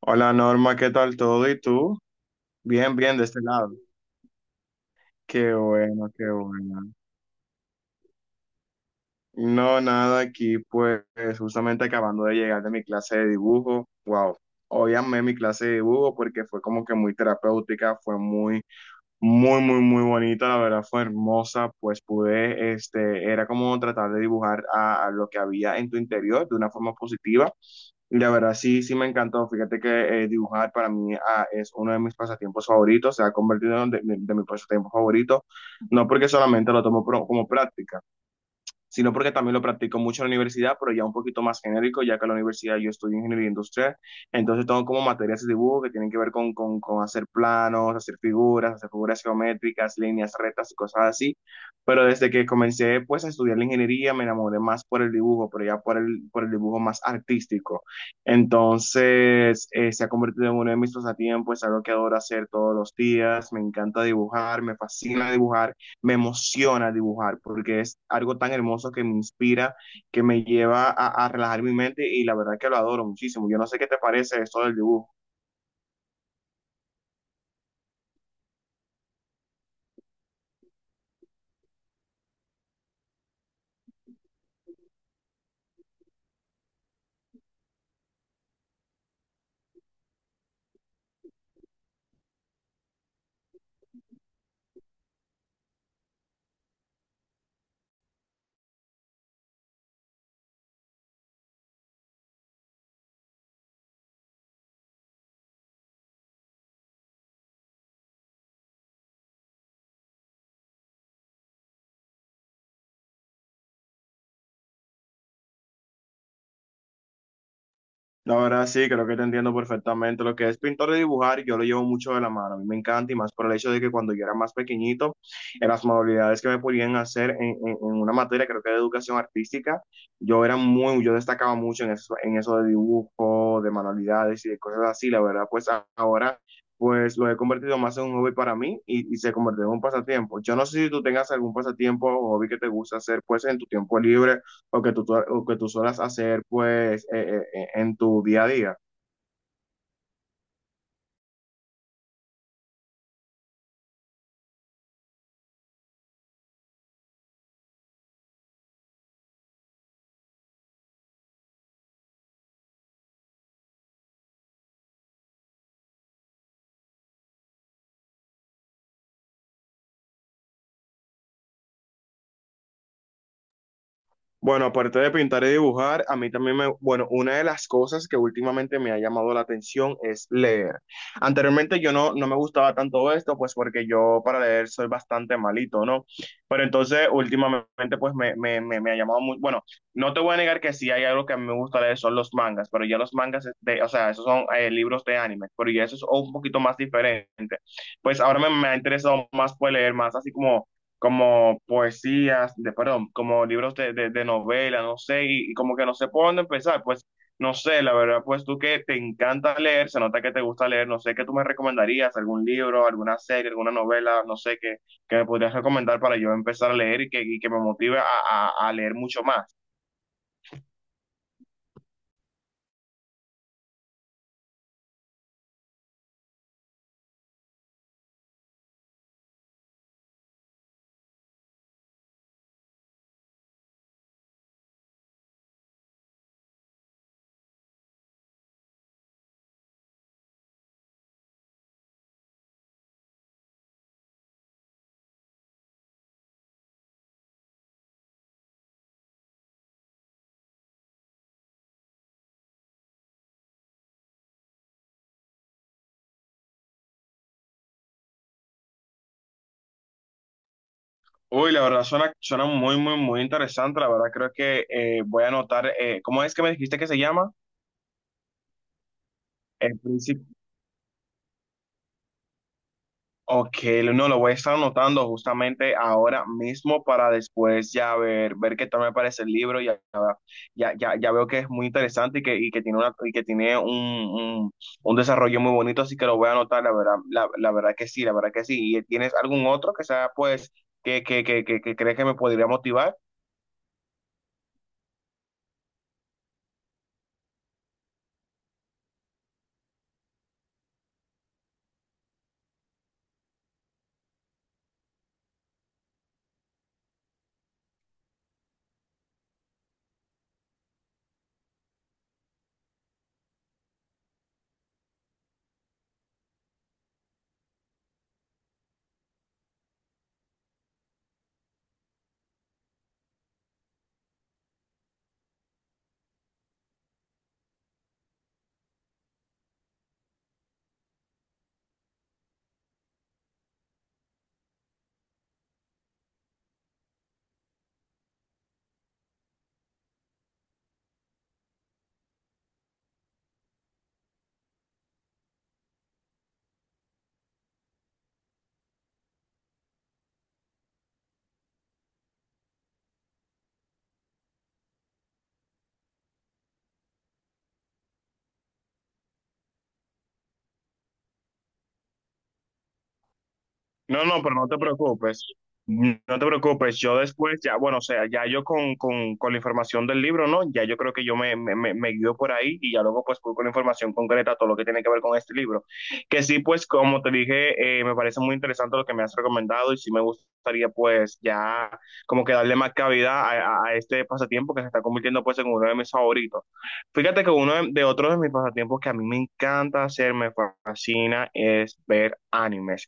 Hola Norma, ¿qué tal todo? ¿Y tú? Bien, bien, de este lado. Qué bueno, qué bueno. No, nada, aquí pues justamente acabando de llegar de mi clase de dibujo. Wow, hoy amé mi clase de dibujo porque fue como que muy terapéutica, fue muy, muy, muy, muy bonita, la verdad fue hermosa, pues pude, este, era como tratar de dibujar a lo que había en tu interior de una forma positiva. La verdad, sí, sí me encantó. Fíjate que dibujar para mí es uno de mis pasatiempos favoritos, se ha convertido en de mi pasatiempo favorito, no porque solamente lo tomo como práctica, sino porque también lo practico mucho en la universidad, pero ya un poquito más genérico, ya que en la universidad yo estudio ingeniería industrial. Entonces tengo como materias de dibujo que tienen que ver con, con hacer planos, hacer figuras geométricas, líneas rectas y cosas así, pero desde que comencé pues a estudiar la ingeniería me enamoré más por el dibujo, pero ya por el, dibujo más artístico. Entonces se ha convertido en uno de mis pasatiempos, es algo que adoro hacer todos los días, me encanta dibujar, me fascina dibujar, me emociona dibujar porque es algo tan hermoso que me inspira, que me lleva a relajar mi mente, y la verdad que lo adoro muchísimo. Yo no sé qué te parece esto del dibujo. La verdad sí, creo que te entiendo perfectamente. Lo que es pintar y dibujar, yo lo llevo mucho de la mano. A mí me encanta y más por el hecho de que cuando yo era más pequeñito, en las modalidades que me podían hacer en una materia, creo que de educación artística, yo destacaba mucho en eso de dibujo, de manualidades y de cosas así. La verdad, pues ahora, pues lo he convertido más en un hobby para mí, y se convirtió en un pasatiempo. Yo no sé si tú tengas algún pasatiempo o hobby que te gusta hacer, pues en tu tiempo libre o que tú, o que tú suelas hacer pues en tu día a día. Bueno, aparte de pintar y dibujar, a mí también bueno, una de las cosas que últimamente me ha llamado la atención es leer. Anteriormente yo no me gustaba tanto esto, pues porque yo para leer soy bastante malito, ¿no? Pero entonces últimamente pues me ha llamado bueno, no te voy a negar que sí hay algo que a mí me gusta leer, son los mangas, pero ya los mangas, o sea, esos son libros de anime, pero ya eso es un poquito más diferente. Pues ahora me ha interesado más pues leer más así como poesías, perdón, como libros de novela, no sé, y como que no sé por dónde empezar, pues no sé, la verdad, pues tú que te encanta leer, se nota que te gusta leer, no sé, ¿qué tú me recomendarías? ¿Algún libro, alguna serie, alguna novela, no sé, que me podrías recomendar para yo empezar a leer que me motive a leer mucho más? Uy, la verdad suena muy, muy, muy interesante, la verdad creo que voy a anotar, ¿cómo es que me dijiste que se llama? El Príncipe. Ok, no, lo voy a estar anotando justamente ahora mismo para después ya ver, qué tal me parece el libro. Ya, ya, ya, ya veo que es muy interesante y que tiene un desarrollo muy bonito, así que lo voy a anotar, la verdad, la verdad que sí, la verdad que sí. ¿Y tienes algún otro que sea, pues, que crees que me podría motivar? No, no, pero no te preocupes. No te preocupes. Yo después, ya, bueno, o sea, ya yo con, con la información del libro, ¿no? Ya yo creo que yo me guío por ahí y ya luego pues voy con la información concreta, todo lo que tiene que ver con este libro. Que sí, pues como te dije, me parece muy interesante lo que me has recomendado y sí me gustaría pues ya como que darle más cabida a, a este pasatiempo que se está convirtiendo pues en uno de mis favoritos. Fíjate que uno de otros de mis pasatiempos que a mí me encanta hacer, me fascina, es ver animes.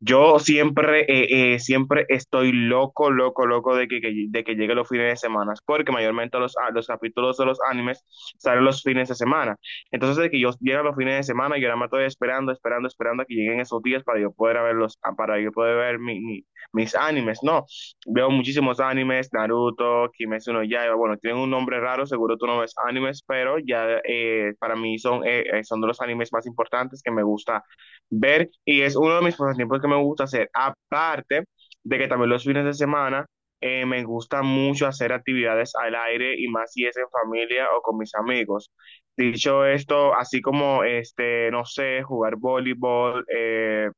Siempre estoy loco, loco, loco de que, de que llegue los fines de semana, porque mayormente los capítulos de los animes salen los fines de semana. Entonces, de que yo llegue los fines de semana, yo nada más estoy esperando, esperando, esperando a que lleguen esos días para yo poder verlos, para yo poder ver mis animes. No, veo muchísimos animes, Naruto, Kimetsu no Yaiba, bueno, tienen un nombre raro, seguro tú no ves animes, pero ya para mí son, son de los animes más importantes que me gusta ver, y es uno de mis pasatiempos que me gusta hacer. Aparte de que también los fines de semana me gusta mucho hacer actividades al aire y más si es en familia o con mis amigos. Dicho esto, así como este, no sé, jugar voleibol, eh,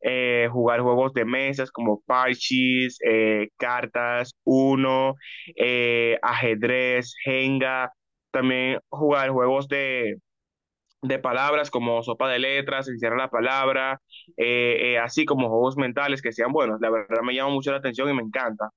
eh, jugar juegos de mesas como parches, cartas, uno, ajedrez, jenga, también jugar juegos de palabras como sopa de letras, encierra la palabra, así como juegos mentales que sean buenos. La verdad me llama mucho la atención y me encanta.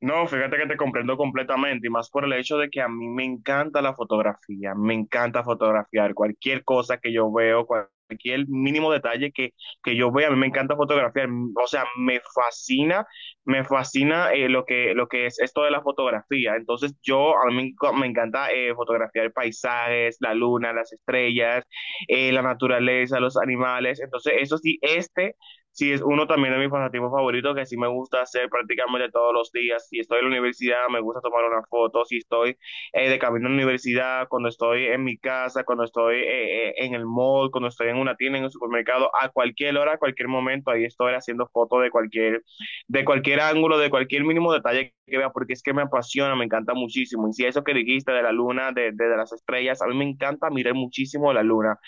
No, fíjate que te comprendo completamente y más por el hecho de que a mí me encanta la fotografía, me encanta fotografiar cualquier cosa que yo veo, cualquier mínimo detalle que yo vea, a mí me encanta fotografiar, o sea, me fascina lo que, es esto de la fotografía. Entonces a mí me encanta fotografiar paisajes, la luna, las estrellas, la naturaleza, los animales. Entonces eso sí, este. Sí, es uno también de mis pasatiempos favoritos que sí me gusta hacer prácticamente todos los días. Si estoy en la universidad, me gusta tomar una foto. Si estoy de camino a la universidad, cuando estoy en mi casa, cuando estoy en el mall, cuando estoy en una tienda, en un supermercado, a cualquier hora, a cualquier momento, ahí estoy haciendo fotos de cualquier ángulo, de cualquier mínimo detalle que vea, porque es que me apasiona, me encanta muchísimo. Y si eso que dijiste de la luna, de las estrellas, a mí me encanta mirar muchísimo la luna.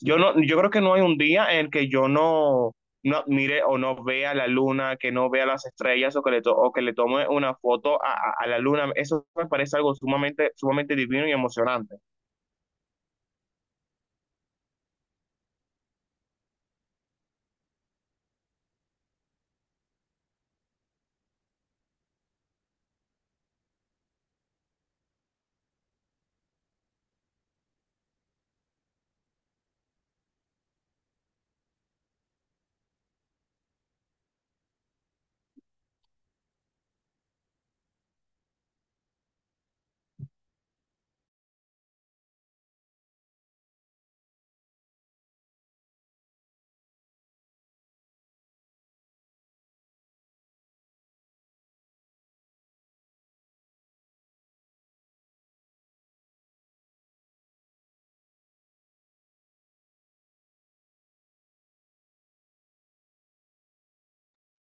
Yo creo que no hay un día en el que yo no mire o no vea la luna, que no vea las estrellas o que o que le tome una foto a, a la luna. Eso me parece algo sumamente, sumamente divino y emocionante.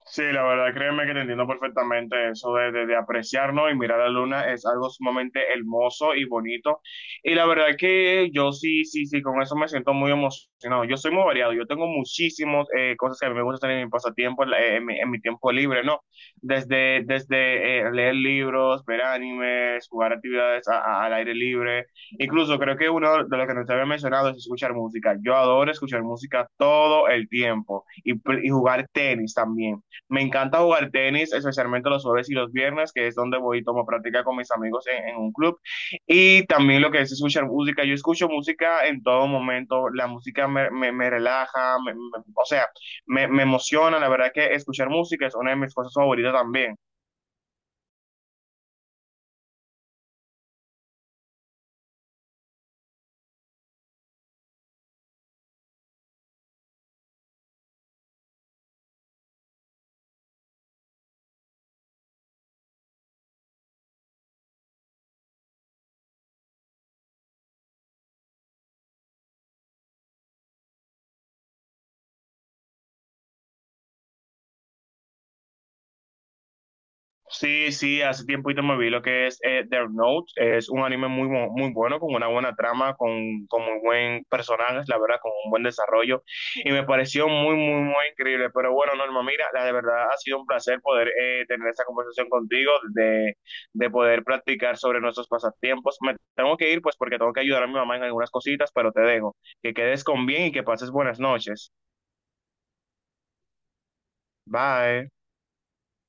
Sí, la verdad, créeme que te entiendo perfectamente eso de apreciarnos y mirar la luna es algo sumamente hermoso y bonito. Y la verdad que yo sí, sí, sí, con eso me siento muy emocionado. Yo soy muy variado, yo tengo muchísimas cosas que a mí me gusta hacer en mi pasatiempo, en, en mi tiempo libre, ¿no? Desde leer libros, ver animes, jugar actividades al aire libre. Incluso creo que uno de los que no te había mencionado es escuchar música. Yo adoro escuchar música todo el tiempo, y jugar tenis también. Me encanta jugar tenis, especialmente los jueves y los viernes, que es donde voy y tomo práctica con mis amigos en, un club. Y también lo que es escuchar música. Yo escucho música en todo momento. La música me relaja, o sea, me emociona. La verdad que escuchar música es una de mis cosas favoritas también. Sí, sí, hace tiempo te me vi lo que es Death Note. Es un anime muy bueno, con una buena trama, con muy buen personaje, la verdad, con un buen desarrollo. Y me pareció muy, muy, muy increíble. Pero bueno, Norma, mira, la de verdad ha sido un placer poder tener esta conversación contigo, de poder practicar sobre nuestros pasatiempos. Me tengo que ir, pues, porque tengo que ayudar a mi mamá en algunas cositas, pero te dejo. Que quedes con bien y que pases buenas noches. Bye.